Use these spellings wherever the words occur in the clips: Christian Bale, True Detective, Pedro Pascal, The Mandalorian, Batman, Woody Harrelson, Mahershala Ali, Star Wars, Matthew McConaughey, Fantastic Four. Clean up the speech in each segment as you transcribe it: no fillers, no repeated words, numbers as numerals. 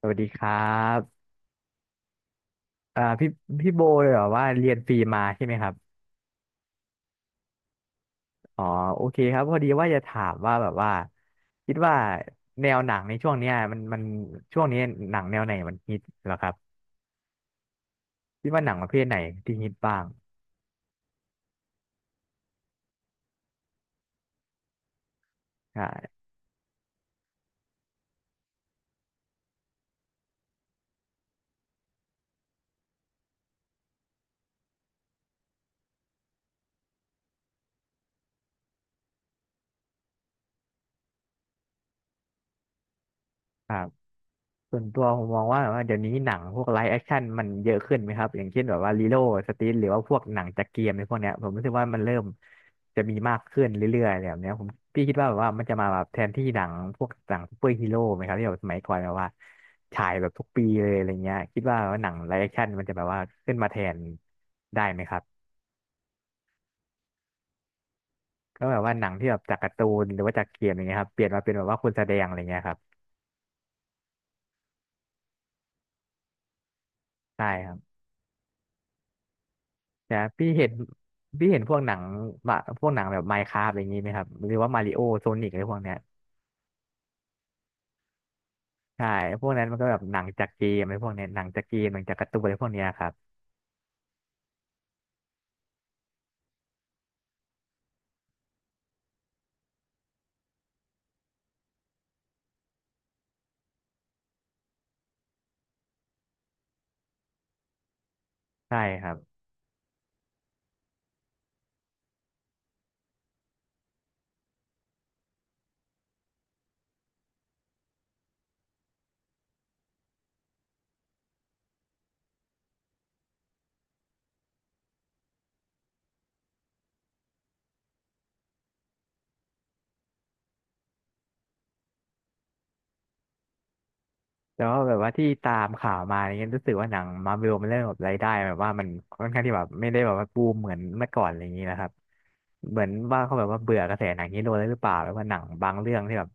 สวัสดีครับอ่าพี่พี่โบเลยเหรอว่าเรียนฟรีมาใช่ไหมครับ อ๋อโอเคครับพอดีว่าจะถามว่าแบบว่าคิดว่าแนวหนังในช่วงเนี้ยมันช่วงนี้หนังแนวไหนมันฮิตเหรอครับคิดว่าหนังประเภทไหนที่ฮิตบ้างใช่ครับ ส่วนตัวผมมองว่าแบบว่าเดี๋ยวนี้หนังพวกไลฟ์แอคชั่นมันเยอะขึ้นไหมครับอย่างเช่นแบบว่าลีโลสตรีทหรือว่าพวกหนังจากเกมในพวกเนี้ยผมรู้สึกว่ามันเริ่มจะมีมากขึ้นเรื่อยๆอะไรแบบเนี้ยผมพี่คิดว่าแบบว่ามันจะมาแบบแทนที่หนังพวกหนังซูเปอร์ฮีโร่ไหมครับที่แบบสมัยก่อนแบบว่าฉายแบบทุกปีเลยอะไรเงี้ยคิดว่าหนังไลฟ์แอคชั่นมันจะแบบว่าขึ้นมาแทนได้ไหมครับก็แบบว่าหนังที่แบบจากการ์ตูนหรือว่าจากเกมอย่างเงี้ยครับเปลี่ยนมาเป็นแบบว่าคนแสดงอะไรเงี้ยครับใช่ครับ เนี่ยพี่เห็นพวกหนังพวกหนังแบบไมน์คราฟอะไรอย่างนี้ไหมครับหรือว่ามาริโอโซนิกอะไรพวกเนี้ยใช่พวกนั้นมันก็แบบหนังจากเกมอะไรพวกเนี้ยหนังจากเกมหนังจากการ์ตูนอะไรพวกเนี้ยครับใช่ครับ แต่ว่าแบบว่าที่ตามข่าวมาอะไรเงี้ยรู้สึกว่าหนังมาร์เวลมันเริ่มแบบรายได้แบบว่ามันค่อนข้างที่แบบไม่ได้แบบว่าบูมเหมือนเมื่อก่อนอะไรอย่างนี้นะครับเหมือนว่าเขาแบบว่าเบื่อกระแสหนังฮีโร่แล้วหรือเปล่าแบบว่าหนังบางเรื่องที่แบบ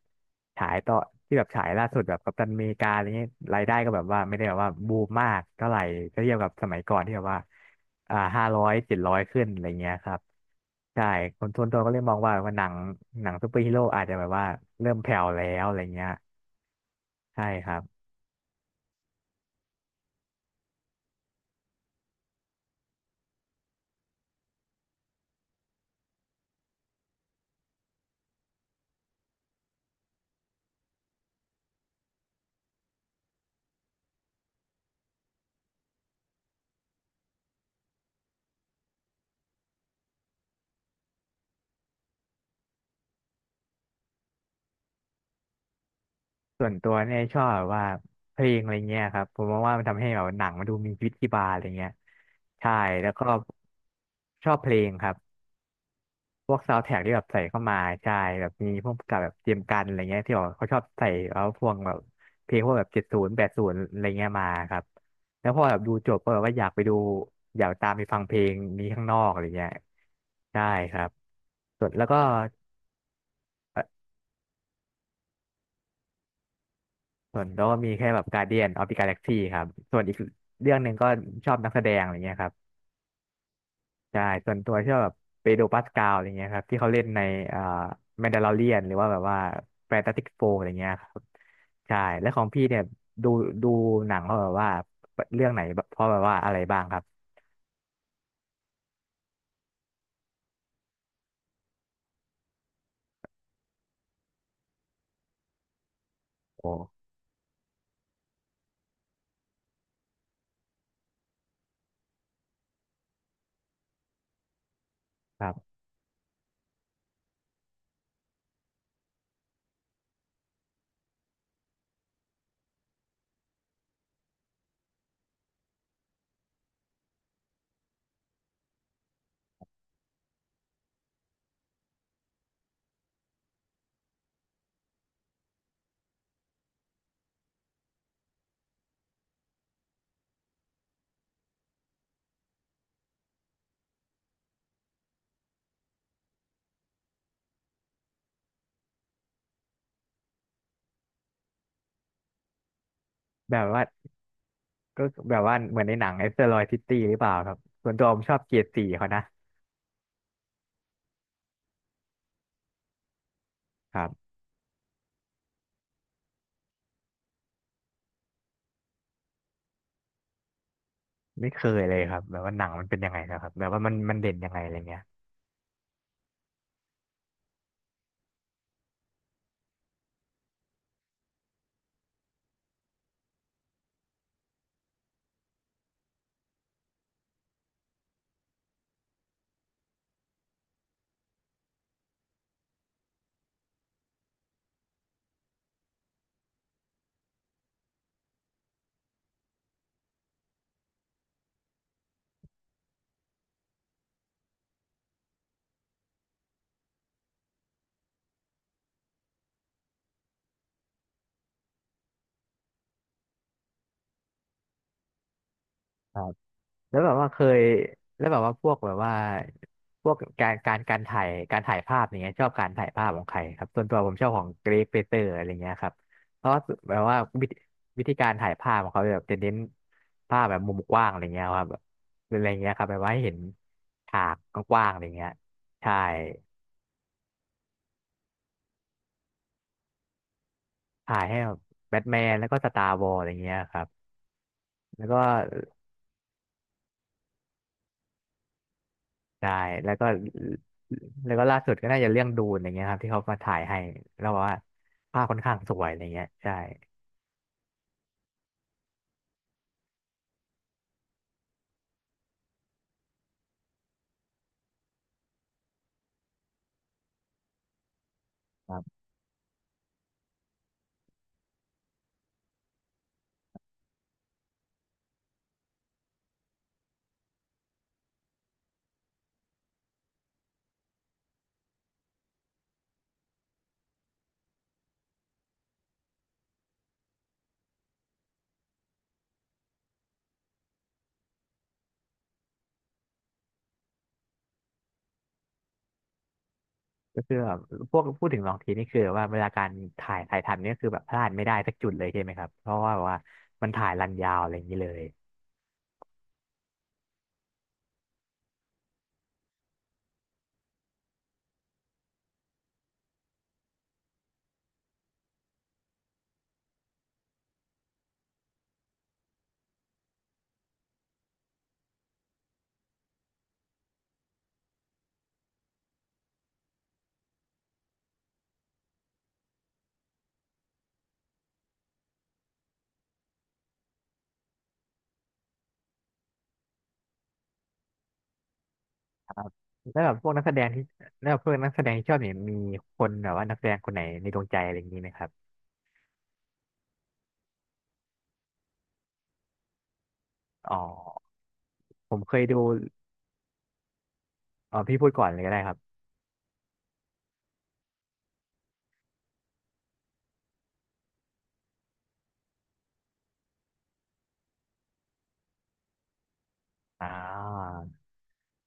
ฉายต่อที่แบบฉายล่าสุดแบบกัปตันอเมริกาอะไรเงี้ยรายได้ก็แบบว่าไม่ได้แบบว่าบูมมากเท่าไหร่ถ้าเทียบกับสมัยก่อนที่แบบว่าห้าร้อยเจ็ดร้อยขึ้นอะไรเงี้ยครับใช่คนส่วนตัวก็เลยมองว่าหนังซูเปอร์ฮีโร่อาจจะแบบว่าเริ่มแผ่วแล้วอะไรเงี้ยใช่ครับ ส่วนตัวเนี่ยชอบแบบว่าเพลงอะไรเงี้ยครับผมมองว่ามันทำให้แบบหนังมันดูมีชีวิตชีวาอะไรเงี้ยใช่แล้วก็ชอบเพลงครับพวกซาวด์แทร็กที่แบบใส่เข้ามาใช่แบบมีพวกกับแบบเจมส์กันอะไรเงี้ยที่แบบเขาชอบใส่เอาพวกแบบเพลงพวกแบบเจ็ดศูนย์แปดศูนย์อะไรเงี้ยมาครับแล้วพอแบบดูจบก็แบบว่าอยากไปดูอยากตามไปฟังเพลงนี้ข้างนอกอะไรเงี้ยใช่ครับส่วนแล้วก็ ส่วนโดก็มีแค่แบบกา a เดียนออ the g a ก a x ลกซี่ครับส่วนอีกเรื่องหนึ่งก็ชอบนักแสดงอะไรเงี้ยครับใช่ส่วนตัวชอบแบบเปโดรปาสกาลอะไรเงี้ยครับที่เขาเล่นในเอ่อแมนดาลอเรียนหรือว่าแบบว่าแฟนตาติกโฟอะไรเงี้ยครับใช่แล้วของพี่เนี่ยดูดูหนังเขาแบบว่าเรื่องไหนเพราะแบบว่าอะไรบ้างครับโอ้ครับแบบว่าก็แบบว่าเหมือนในหนังเอสเตอร์ลอยซิตี้หรือเปล่าครับส่วนตัวผมชอบเกียร์สี่เขานะครับไม่เคยเลยครับแบบว่าหนังมันเป็นยังไงนะครับแบบว่ามันมันเด่นยังไงอะไรเงี้ย แล้วแบบว่าเคยแล้วแบบว่าพวกแบบว่าพวกการการการถ่ายการถ่ายภาพอย่างเงี้ยชอบการถ่ายภาพของใครครับส่วนตัวผมชอบของเกรกเปเตอร์อะไรเงี้ยครับเพราะว่าแบบว่าวิธีการถ่ายภาพของเขาแบบจะเน้นภาพแบบมุมกว้างอะไรเงี้ยครับแบบอะไรเงี้ยครับแบบว่าให้เห็นฉากกว้างๆอะไรเงี้ยใช่ถ่ายให้แบบแบทแมนแล้วก็สตาร์วอร์อะไรเงี้ยครับแล้วก็ ใช่แล้วก็แล้วก็ล่าสุดก็น่าจะเรื่องดูนอย่างเงี้ยครับที่เขามาถ่ายให้แล้วบอกว่าภาพค่อนข้างสวยอะไรเงี้ยใช่ครับก็คือแบบพวกพูดถึงลองทีนี่คือว่าเวลาการถ่ายทำเนี่ยคือแบบพลาดไม่ได้สักจุดเลยใช่ไหมครับเพราะว่าแบบว่ามันถ่ายรันยาวอะไรอย่างนี้เลยแล้วแบบพวกนักแสดงที่แล้วเพวกนนักแสดงที่ชอบเนี่ยมีคนแบบว่านักแสดงคนไหนในดวงใจอะไรอย่างนี้ไหมครับอ๋อผมเคยดูอ๋อพี่พูดก่อนเลยก็ได้ครับอ่า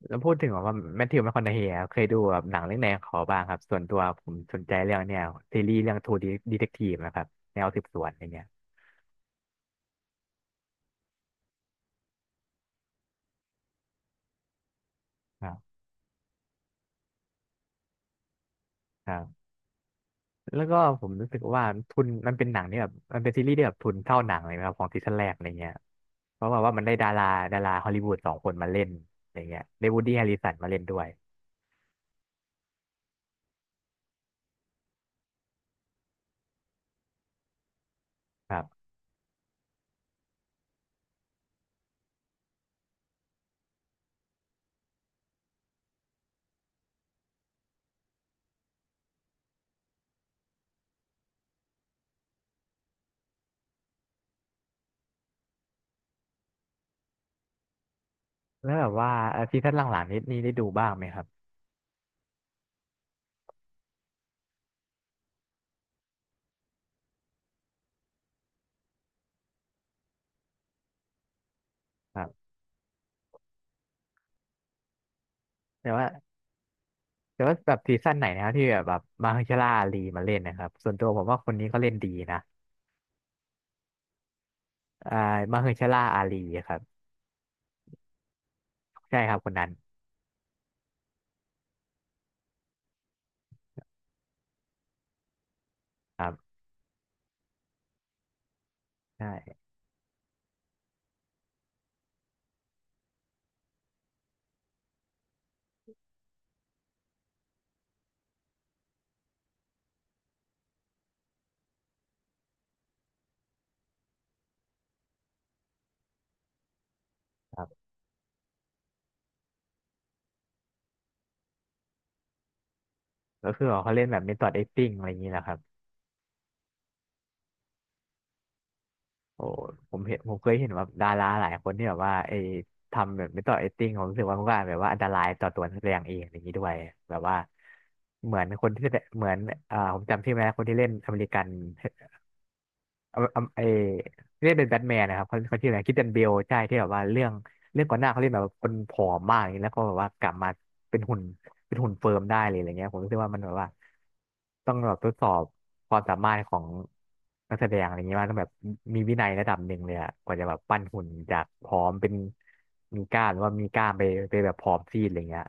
แล้วพูดถึงแบบว่าแมทธิวแมคคอนเฮย์เคยดูแบบหนังเรื่องไหนของเขาบ้างครับส่วนตัวผมสนใจเรื่องเนี่ยซีรีส์เรื่องทูดีดีเทคทีฟนะครับแนวสืบสวนอะไรเงี้ยครับครับแล้วก็ผมรู้สึกว่าทุนมันเป็นหนังที่แบบมันเป็นซีรีส์ที่แบบทุนเท่าหนังเลยนะครับของซีซั่นแรกอะไรเงี้ยเพราะว่ามันได้ดาราดาราฮอลลีวูดสองคนมาเล่นอะไรเงี้ยได้วูดดี้แฮริสันมาเล่นด้วยครับแล้วแบบว่าซีซั่นหลังๆนี้นี่ได้ดูบ้างไหมครับครับแต่ว่า แต่ว่าแบบซีซั่นไหนนะครับที่แบบมาเฮอร์ชาล่าอาลีมาเล่นนะครับส่วนตัวผมว่าคนนี้เขาเล่นดีนะอ่ามาเฮอร์ชาล่าอาลีครับใช่ครับคนนั้นครับใช่ครับก็คือเขาเล่นแบบเมธอดแอคติ้งอะไรอย่างนี้แหละครับโอ้ผมเห็นผมเคยเห็นแบบดาราหลายคนที่แบบว่าไอ้ทำแบบเมธอดแอคติ้งผมรู้สึกว่ามันก็แบบว่าอันตรายต่อตัวนักแสดงเองอะไรอย่างนี้ด้วยแบบว่าเหมือนคนที่แสดงเหมือนผมจำชื่อไม่ได้คนที่เล่นอเมริกัน เอาเอาเอที่เล่นเป็นแบทแมนนะครับเขาชื่ออะไรคริสเตียนเบลใช่ที่แบบว่าเรื่องก่อนหน้าเขาเล่นแบบคนผอมมากอย่างนี้แล้วก็แบบว่ากลับมาเป็นหุ่นเป็นหุ่นเฟิร์มได้เลยอะไรเงี้ยผมรู้สึกว่ามันแบบว่าต้องแบบทดสอบความสามารถของนักแสดงอะไรเงี้ยว่าต้องแบบมีวินัยระดับหนึ่งเลยอะกว่าจะแบบปั้นหุ่นจากผอมเป็นมีกล้ามหรือว่ามีกล้ามไปแบบผอมซีดอะไรเงี้ย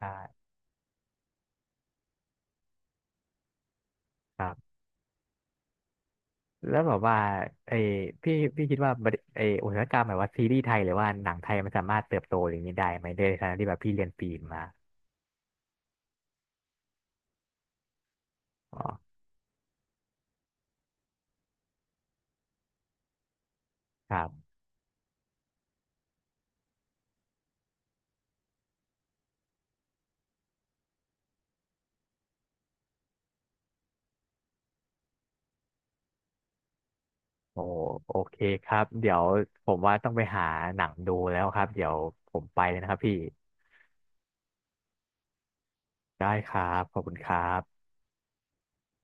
ใช่ แล้วแบบว่าไอ้พี่คิดว่าบริไอ้อุตสาหกรรมแบบว่าซีรีส์ไทยหรือว่าหนังไทยมันสามารถเติบโตอย่างนี้ได้ไหมในฐานะที่แบบพี่เรียนฟิล์มมาอ๋อครับโอ้โอเคครับเดี๋ยวผมว่าต้องไปหาหนังดูแล้วครับเดี๋ยวผมไปเลยนะครับพี่ได้ครับขอบคุณครับ